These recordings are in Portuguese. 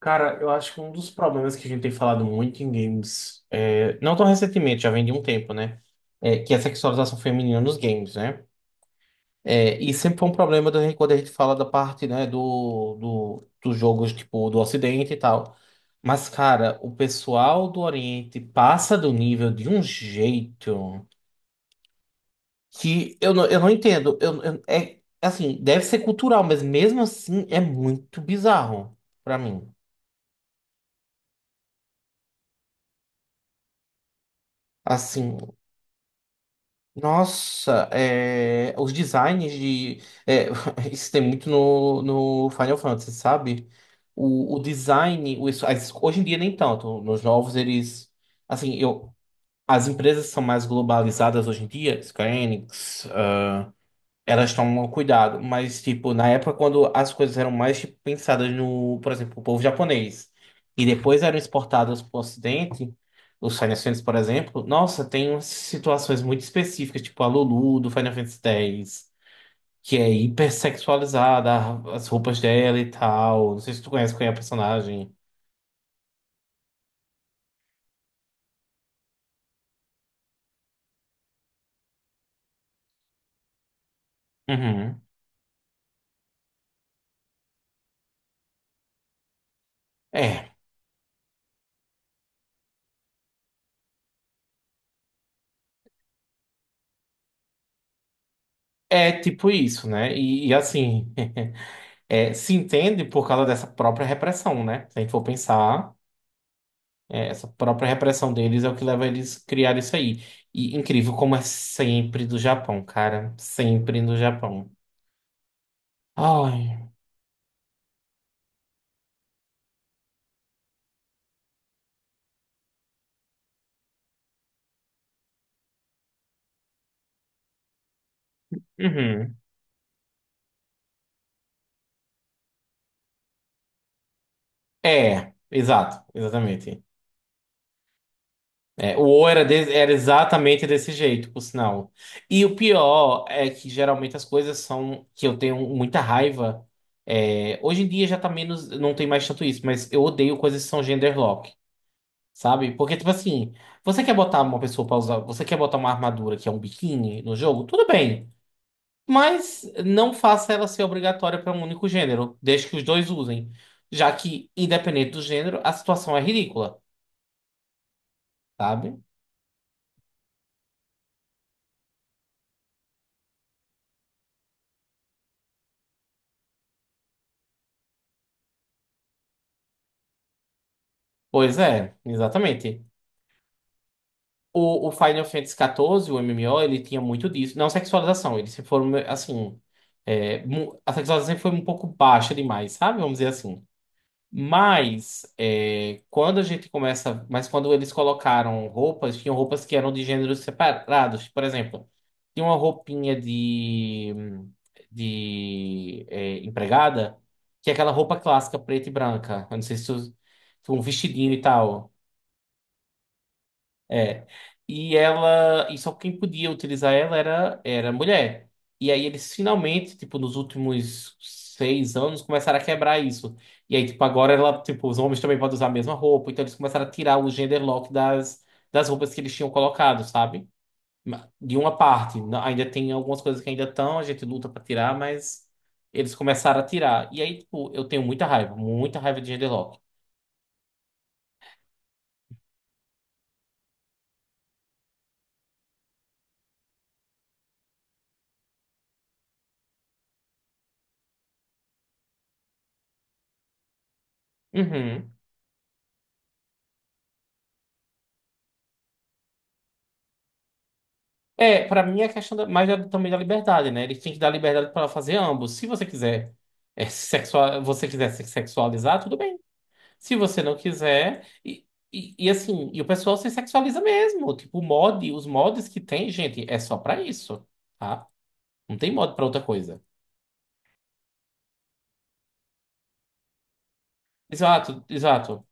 Cara, eu acho que um dos problemas que a gente tem falado muito em games, não tão recentemente, já vem de um tempo, né? Que é a sexualização feminina nos games, né? E sempre foi um problema quando a gente fala da parte, né, dos jogos, tipo, do Ocidente e tal. Mas, cara, o pessoal do Oriente passa do nível de um jeito que eu não entendo. É assim, deve ser cultural, mas mesmo assim é muito bizarro pra mim. Assim. Nossa, os designs de. é, isso tem muito no Final Fantasy, sabe? O design, hoje em dia nem tanto. Nos novos eles. Assim, as empresas são mais globalizadas hoje em dia, Square Enix, elas tomam cuidado, mas, tipo, na época quando as coisas eram mais, tipo, pensadas no, por exemplo, o povo japonês, e depois eram exportadas para o Ocidente, os Final Fantasy, por exemplo, nossa, tem umas situações muito específicas, tipo a Lulu do Final Fantasy X, que é hipersexualizada, as roupas dela e tal. Não sei se tu conhece qual é a personagem. Uhum. É. É tipo isso, né? E assim, se entende por causa dessa própria repressão, né? Se a gente for pensar. Essa própria repressão deles é o que leva eles a criar isso aí. E incrível como é sempre do Japão, cara. Sempre no Japão. Ai. Uhum. É, exato, exatamente. É, o O era, era exatamente desse jeito, por sinal. E o pior é que geralmente as coisas são que eu tenho muita raiva. É, hoje em dia já tá menos, não tem mais tanto isso, mas eu odeio coisas que são genderlock. Sabe? Porque, tipo assim, você quer botar uma pessoa pra usar, você quer botar uma armadura que é um biquíni no jogo? Tudo bem. Mas não faça ela ser obrigatória para um único gênero, desde que os dois usem. Já que, independente do gênero, a situação é ridícula, sabe? Pois é, exatamente. O Final Fantasy XIV, o MMO, ele tinha muito disso. Não sexualização, eles se foram, assim. É, a sexualização sempre foi um pouco baixa demais, sabe? Vamos dizer assim. Mas quando a gente começa, mas quando eles colocaram roupas, tinham roupas que eram de gêneros separados. Por exemplo, tinha uma roupinha de empregada, que é aquela roupa clássica preta e branca. Eu não sei se tu, um vestidinho e tal. É. E ela, e só quem podia utilizar ela era mulher. E aí eles finalmente, tipo, nos últimos 6 anos começaram a quebrar isso. E aí, tipo, agora ela, tipo, os homens também podem usar a mesma roupa, então eles começaram a tirar o gender lock das roupas que eles tinham colocado, sabe? De uma parte, ainda tem algumas coisas que ainda estão, a gente luta pra tirar, mas eles começaram a tirar. E aí, tipo, eu tenho muita raiva de gender lock. Uhum. É, pra mim é questão da, mais também da liberdade, né? Eles têm que dar liberdade pra fazer ambos. Se você quiser sexual, você quiser se sexualizar, tudo bem. Se você não quiser, e assim, e o pessoal se sexualiza mesmo. Tipo, o mod, os mods que tem, gente, é só pra isso, tá? Não tem mod pra outra coisa. Exato, exato,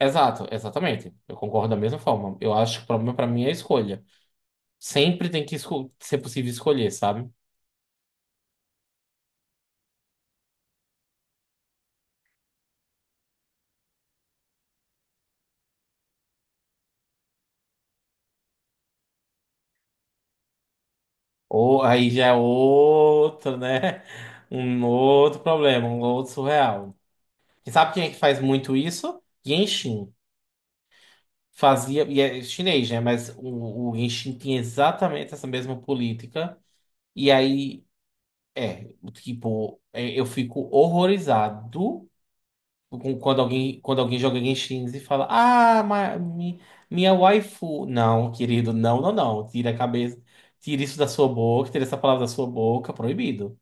exato, exatamente. Eu concordo da mesma forma. Eu acho que o problema pra mim é a escolha. Sempre tem que ser possível escolher, sabe? Ou aí já é outro, né? Um outro problema, um outro surreal. E sabe quem é que faz muito isso? Genshin. Fazia, e é chinês, né? Mas o Genshin tinha exatamente essa mesma política. E aí, é, tipo, eu fico horrorizado quando alguém joga Genshin e fala: Ah, minha waifu. Não, querido, não, não, não. Tira a cabeça, tira isso da sua boca, tira essa palavra da sua boca, proibido.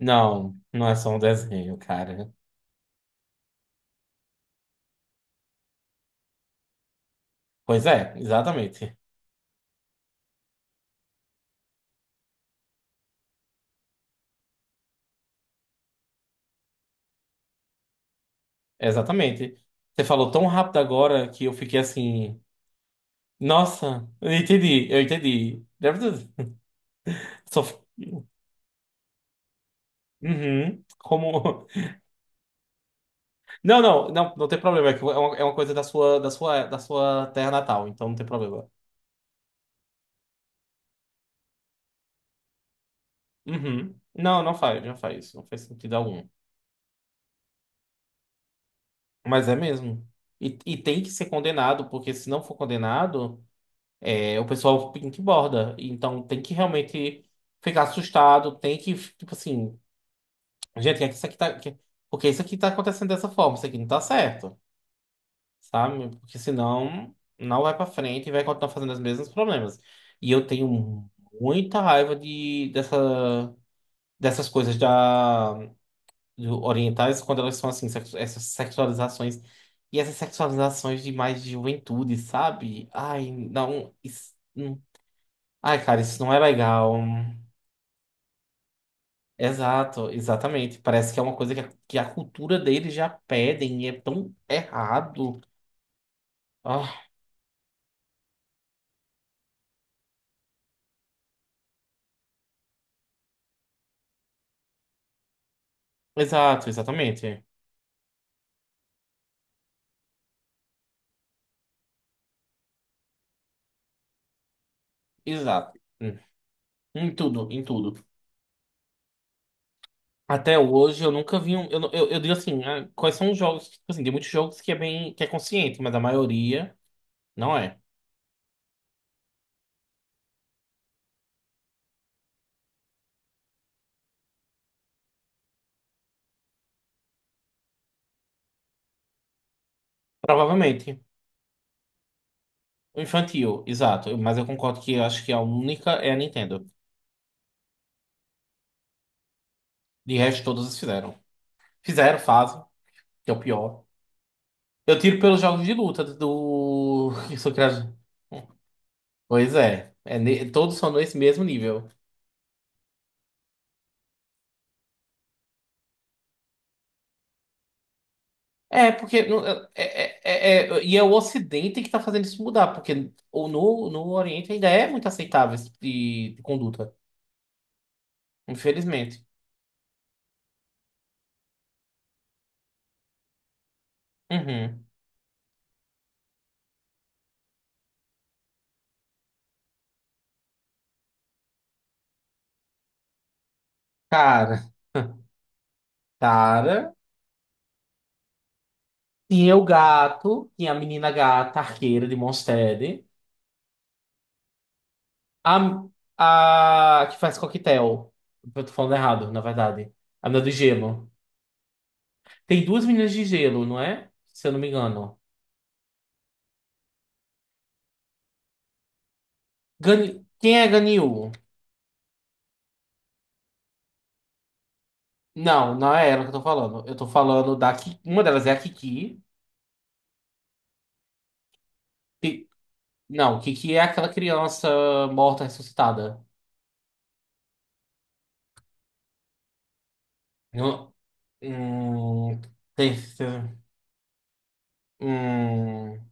Não, não é só um desenho, cara. Pois é, exatamente. Exatamente. Você falou tão rápido agora que eu fiquei assim. Nossa, eu entendi, eu entendi. Deve Só... Uhum, Como. Não, não, não, não tem problema. É que é uma coisa da sua, terra natal, então não tem problema. Uhum. Não, não faz, não faz. Não faz sentido algum. Mas é mesmo. E tem que ser condenado, porque se não for condenado. É, o pessoal borda Então tem que realmente ficar assustado, tem que, tipo assim, gente, é que isso aqui tá. Porque isso aqui tá acontecendo dessa forma, isso aqui não tá certo, sabe? Porque senão não vai pra frente e vai continuar fazendo os mesmos problemas. E eu tenho muita raiva dessas coisas do orientais quando elas são assim, essas sexualizações. E essas sexualizações de mais de juventude, sabe? Ai, não. Isso, Ai, cara, isso não é legal. Exato, exatamente. Parece que é uma coisa que a cultura deles já pedem e é tão errado. Ah, exato, exatamente. Exato. Hum. Em tudo, em tudo. Até hoje eu nunca vi um. Eu, não- eu digo assim, ah, quais são os jogos? Que, Tipo assim, tem muitos jogos que é bem, que é consciente, mas a maioria não é. Provavelmente. O infantil, exato. Mas eu concordo que eu acho que a única é a Nintendo. De resto, todas fizeram. Fizeram, fazem, que é o pior. Eu tiro pelos jogos de luta do. Eu sou criado. Pois é. Todos são nesse mesmo nível. É, porque. E é o Ocidente que tá fazendo isso mudar, porque no Oriente ainda é muito aceitável esse tipo de conduta. Infelizmente. Uhum. Cara. Cara. Tinha o gato, tinha a menina gata, arqueira de Monstead. A que faz coquetel. Eu tô falando errado, na verdade. A menina do gelo. Tem duas meninas de gelo, não é? Se eu não me engano. Gani... Quem é Ganyu? Não, não é ela que eu tô falando. Eu tô falando da Ki... Uma delas é a Kiki. Ki- Não, Kiki é aquela criança morta ressuscitada. Eu- Hum... tem- hum,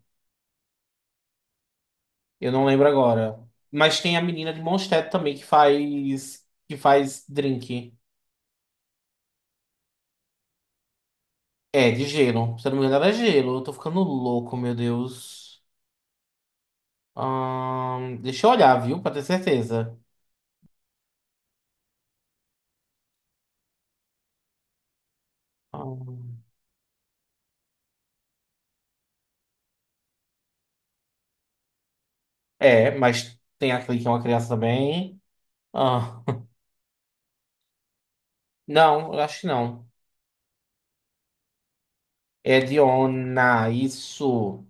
Eu não lembro agora. Mas tem a menina de Mondstadt também que faz. Que faz drink. É, de gelo. Se eu não me engano, ela é gelo. Eu tô ficando louco, meu Deus. Deixa eu olhar, viu? Pra ter certeza. Ah, É, mas tem aquele que é uma criança também. Ah, Não, eu acho que não. É Diona, isso.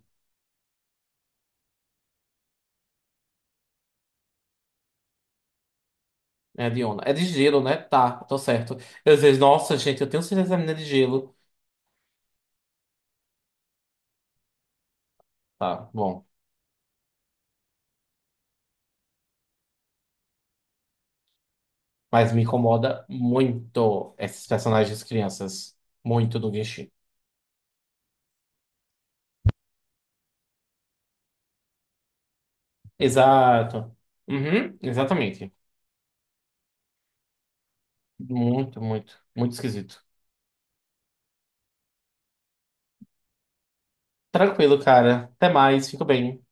É Diona. É de gelo, né? Tá, tô certo. Eu disse, nossa, gente, eu tenho certeza que a menina é de gelo. Tá, bom. Mas me incomoda muito esses personagens crianças. Muito do Genshin. Exato. Uhum, exatamente. Muito, muito, muito esquisito. Tranquilo, cara. Até mais. Fico bem.